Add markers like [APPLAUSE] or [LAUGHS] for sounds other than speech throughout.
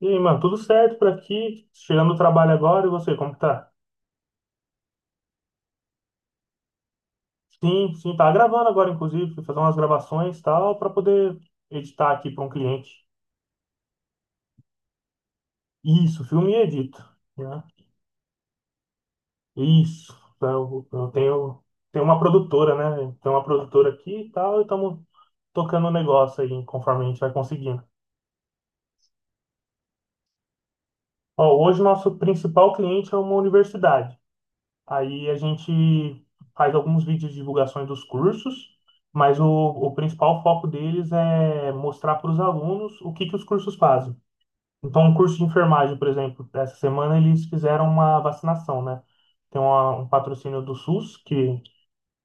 E aí, mano, tudo certo por aqui? Chegando do trabalho agora, e você, como que tá? Sim, sim, tá gravando agora, inclusive, fui fazer umas gravações e tal, pra poder editar aqui pra um cliente. Isso, filme e edito, né? Isso, eu tenho uma produtora, né? Tenho uma produtora aqui e tal, e estamos tocando o negócio aí, conforme a gente vai conseguindo. Ó, hoje o nosso principal cliente é uma universidade. Aí a gente faz alguns vídeos de divulgações dos cursos, mas o principal foco deles é mostrar para os alunos o que que os cursos fazem. Então, o curso de enfermagem, por exemplo, essa semana eles fizeram uma vacinação, né? Tem um patrocínio do SUS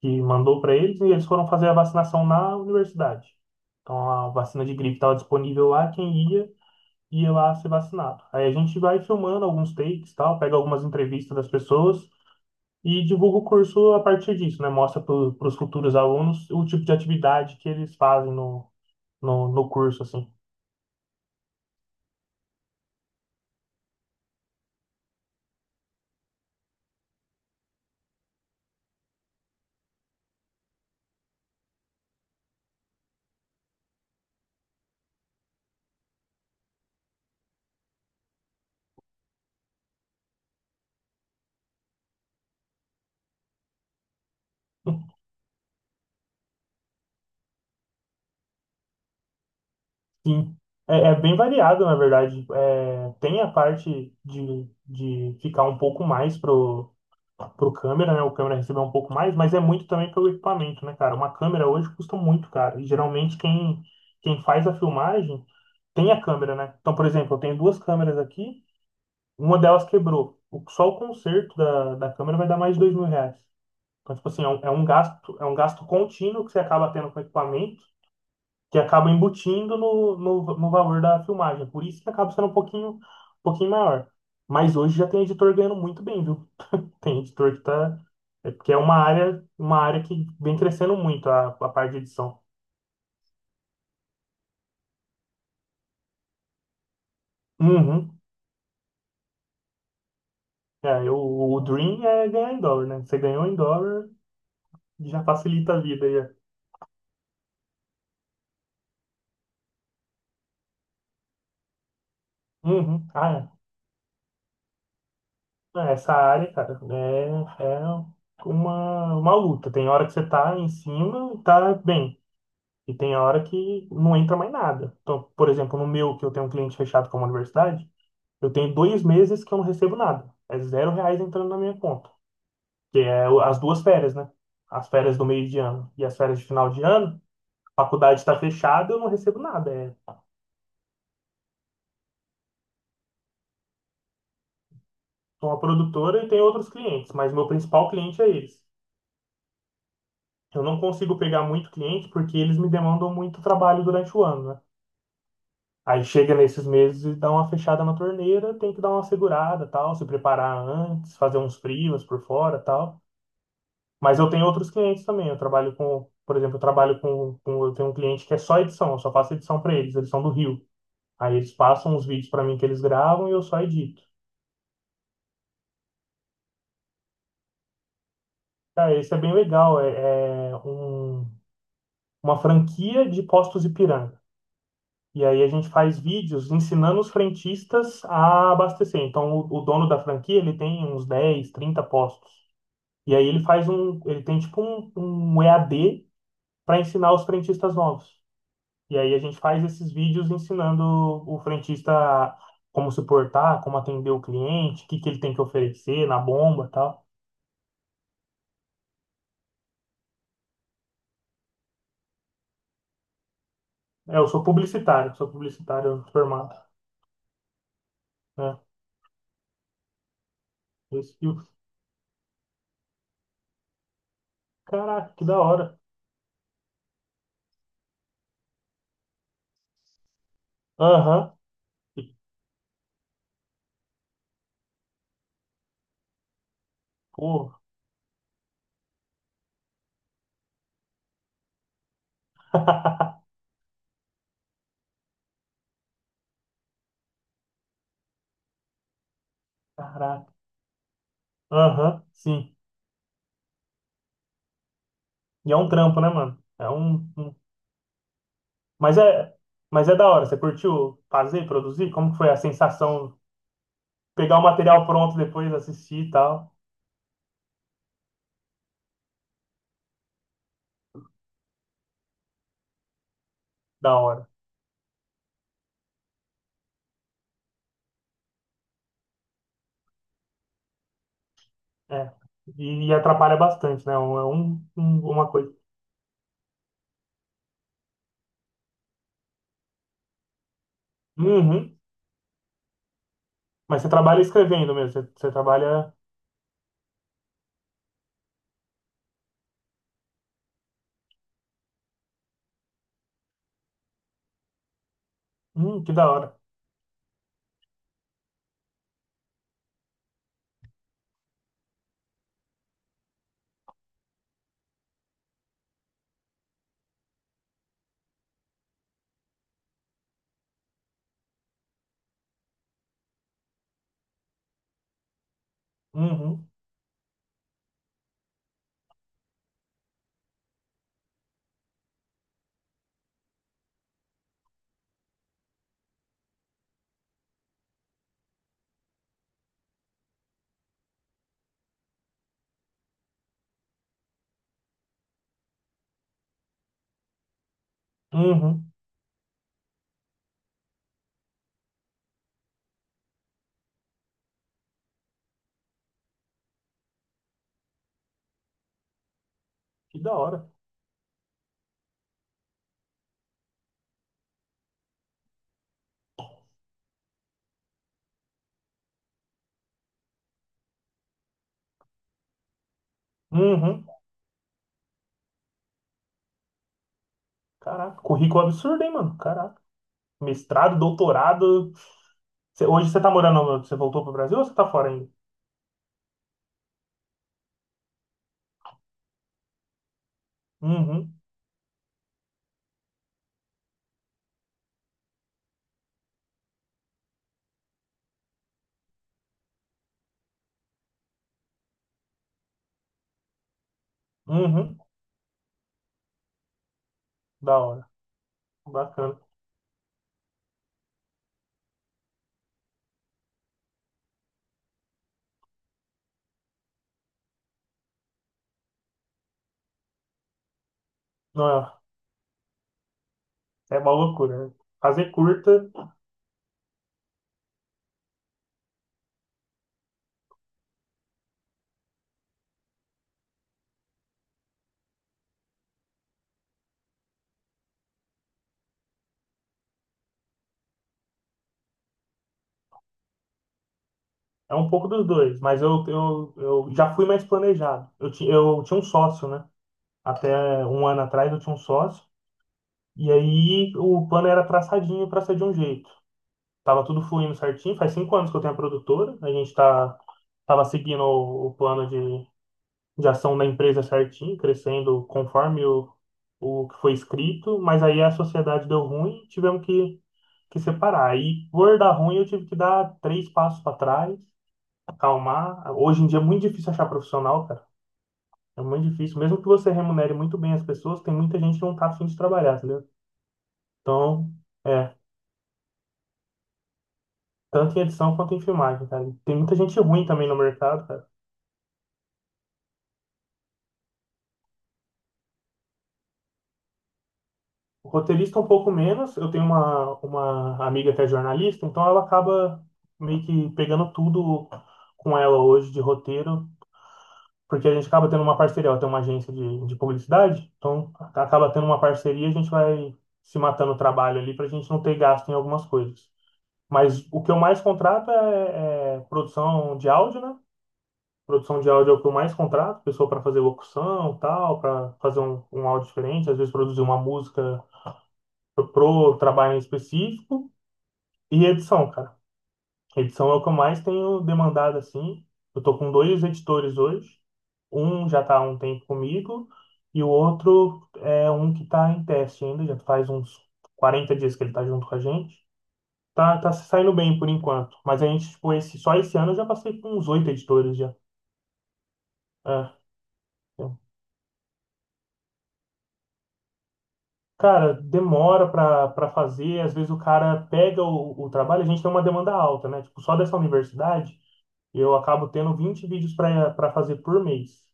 que mandou para eles e eles foram fazer a vacinação na universidade. Então, a vacina de gripe estava disponível lá, quem ia, ia lá ser vacinado. Aí a gente vai filmando alguns takes, tal, pega algumas entrevistas das pessoas e divulga o curso a partir disso, né? Mostra para os futuros alunos o tipo de atividade que eles fazem no curso, assim. [LAUGHS] Sim, é bem variado, na verdade. É, tem a parte de ficar um pouco mais pro câmera, né? O câmera receber um pouco mais, mas é muito também pelo equipamento, né, cara? Uma câmera hoje custa muito caro. E geralmente quem faz a filmagem tem a câmera, né? Então, por exemplo, eu tenho duas câmeras aqui. Uma delas quebrou. Só o conserto da câmera vai dar mais de R$ 2.000. Então, tipo assim, é um gasto contínuo que você acaba tendo com o equipamento, que acaba embutindo no valor da filmagem. Por isso que acaba sendo um pouquinho maior. Mas hoje já tem editor ganhando muito bem, viu? Tem editor que tá. É porque é uma área que vem crescendo muito a parte de edição. Uhum. É, o Dream é ganhar em dólar, né? Você ganhou em dólar, já facilita a vida. Já. Uhum. Ah, é. É, essa área, cara, é uma luta. Tem hora que você tá em cima e tá bem. E tem hora que não entra mais nada. Então, por exemplo, no meu, que eu tenho um cliente fechado com uma universidade, eu tenho 2 meses que eu não recebo nada. É zero reais entrando na minha conta. Que é as duas férias, né? As férias do meio de ano e as férias de final de ano, a faculdade está fechada, eu não recebo nada. É, sou uma produtora e tenho outros clientes, mas meu principal cliente é eles. Eu não consigo pegar muito cliente porque eles me demandam muito trabalho durante o ano, né? Aí chega nesses meses e dá uma fechada na torneira, tem que dar uma segurada, tal, se preparar antes, fazer uns frios por fora, tal. Mas eu tenho outros clientes também. Eu trabalho com, por exemplo, eu trabalho com- eu tenho um cliente que é só edição, eu só faço edição para eles, eles são do Rio. Aí eles passam os vídeos para mim que eles gravam e eu só edito. Cara, isso é bem legal, é uma franquia de Postos Ipiranga. E aí a gente faz vídeos ensinando os frentistas a abastecer. Então o dono da franquia, ele tem uns 10 30 postos. E aí ele tem tipo um EAD para ensinar os frentistas novos. E aí a gente faz esses vídeos ensinando o frentista como se portar, como atender o cliente, o que que ele tem que oferecer na bomba, e tal. É, eu sou publicitário formado, né? Esse- e o- Caraca, que da hora. Aham. E, Pô, caraca. Aham, sim. E é um trampo, né, mano? Mas é, mas é da hora. Você curtiu fazer, produzir? Como que foi a sensação? Pegar o material pronto depois, assistir e tal. Da hora. É. E atrapalha bastante, né? É uma coisa. Uhum. Mas você trabalha escrevendo mesmo. Você trabalha. Que da hora. Uhum. Uhum. Que da hora. Uhum. Caraca. Currículo absurdo, hein, mano? Caraca. Mestrado, doutorado. Hoje você tá morando. Você voltou pro Brasil ou você tá fora ainda? Uhum. Uhum. Da hora, bacana. Não, é uma loucura, né? Fazer curta é um pouco dos dois, mas eu já fui mais planejado. Eu tinha um sócio, né? Até um ano atrás eu tinha um sócio, e aí o plano era traçadinho para ser de um jeito. Tava tudo fluindo certinho, faz 5 anos que eu tenho a produtora, a gente tava seguindo o plano de ação da empresa certinho, crescendo conforme o que foi escrito, mas aí a sociedade deu ruim, tivemos que separar. Aí, por dar ruim, eu tive que dar três passos para trás, acalmar. Hoje em dia é muito difícil achar profissional, cara. É muito difícil. Mesmo que você remunere muito bem as pessoas, tem muita gente que não tá afim de trabalhar, entendeu? Então, é, tanto em edição quanto em filmagem, cara. Tem muita gente ruim também no mercado, cara. O roteirista um pouco menos. Eu tenho uma amiga que é jornalista, então ela acaba meio que pegando tudo com ela hoje de roteiro porque a gente acaba tendo uma parceria, ela tem uma agência de publicidade, então acaba tendo uma parceria, a gente vai se matando o trabalho ali para a gente não ter gasto em algumas coisas. Mas o que eu mais contrato é produção de áudio, né? Produção de áudio é o que eu mais contrato, pessoa para fazer locução, tal, para fazer um áudio diferente, às vezes produzir uma música pro trabalho em específico e edição, cara. Edição é o que eu mais tenho demandado assim. Eu tô com dois editores hoje. Um já está há um tempo comigo e o outro é um que está em teste ainda, já faz uns 40 dias que ele está junto com a gente. Tá se saindo bem por enquanto, mas a gente, tipo, só esse ano eu já passei por uns oito editores já. É, então, cara, demora para fazer, às vezes o cara pega o trabalho, a gente tem uma demanda alta, né? Tipo, só dessa universidade eu acabo tendo 20 vídeos para fazer por mês.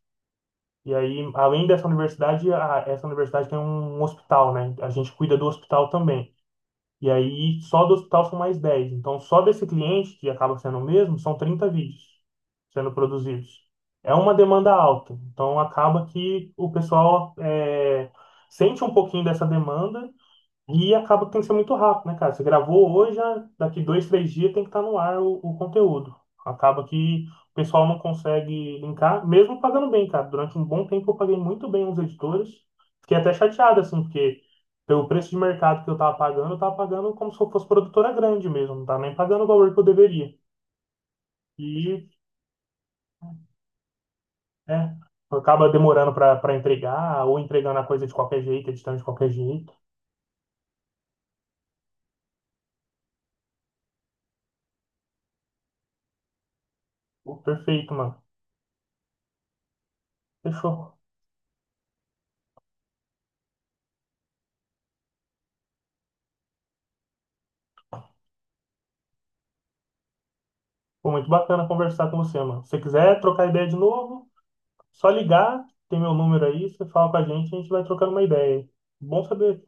E aí, além dessa universidade, essa universidade tem um hospital, né? A gente cuida do hospital também. E aí, só do hospital são mais dez. Então, só desse cliente, que acaba sendo o mesmo, são 30 vídeos sendo produzidos. É uma demanda alta. Então, acaba que o pessoal sente um pouquinho dessa demanda e acaba que tem que ser muito rápido, né, cara? Você gravou hoje, já daqui dois, três dias tem que estar no ar o conteúdo. Acaba que o pessoal não consegue linkar, mesmo pagando bem, cara. Durante um bom tempo eu paguei muito bem os editores. Fiquei até chateado, assim, porque pelo preço de mercado que eu tava pagando como se eu fosse produtora grande mesmo. Não tava nem pagando o valor que eu deveria. E, é, acaba demorando pra entregar, ou entregando a coisa de qualquer jeito, editando de qualquer jeito. Pô, perfeito, mano. Fechou. Foi muito bacana conversar com você, mano. Se você quiser trocar ideia de novo, só ligar, tem meu número aí, você fala com a gente vai trocando uma ideia. Bom saber.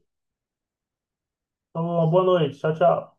Então, uma boa noite. Tchau, tchau.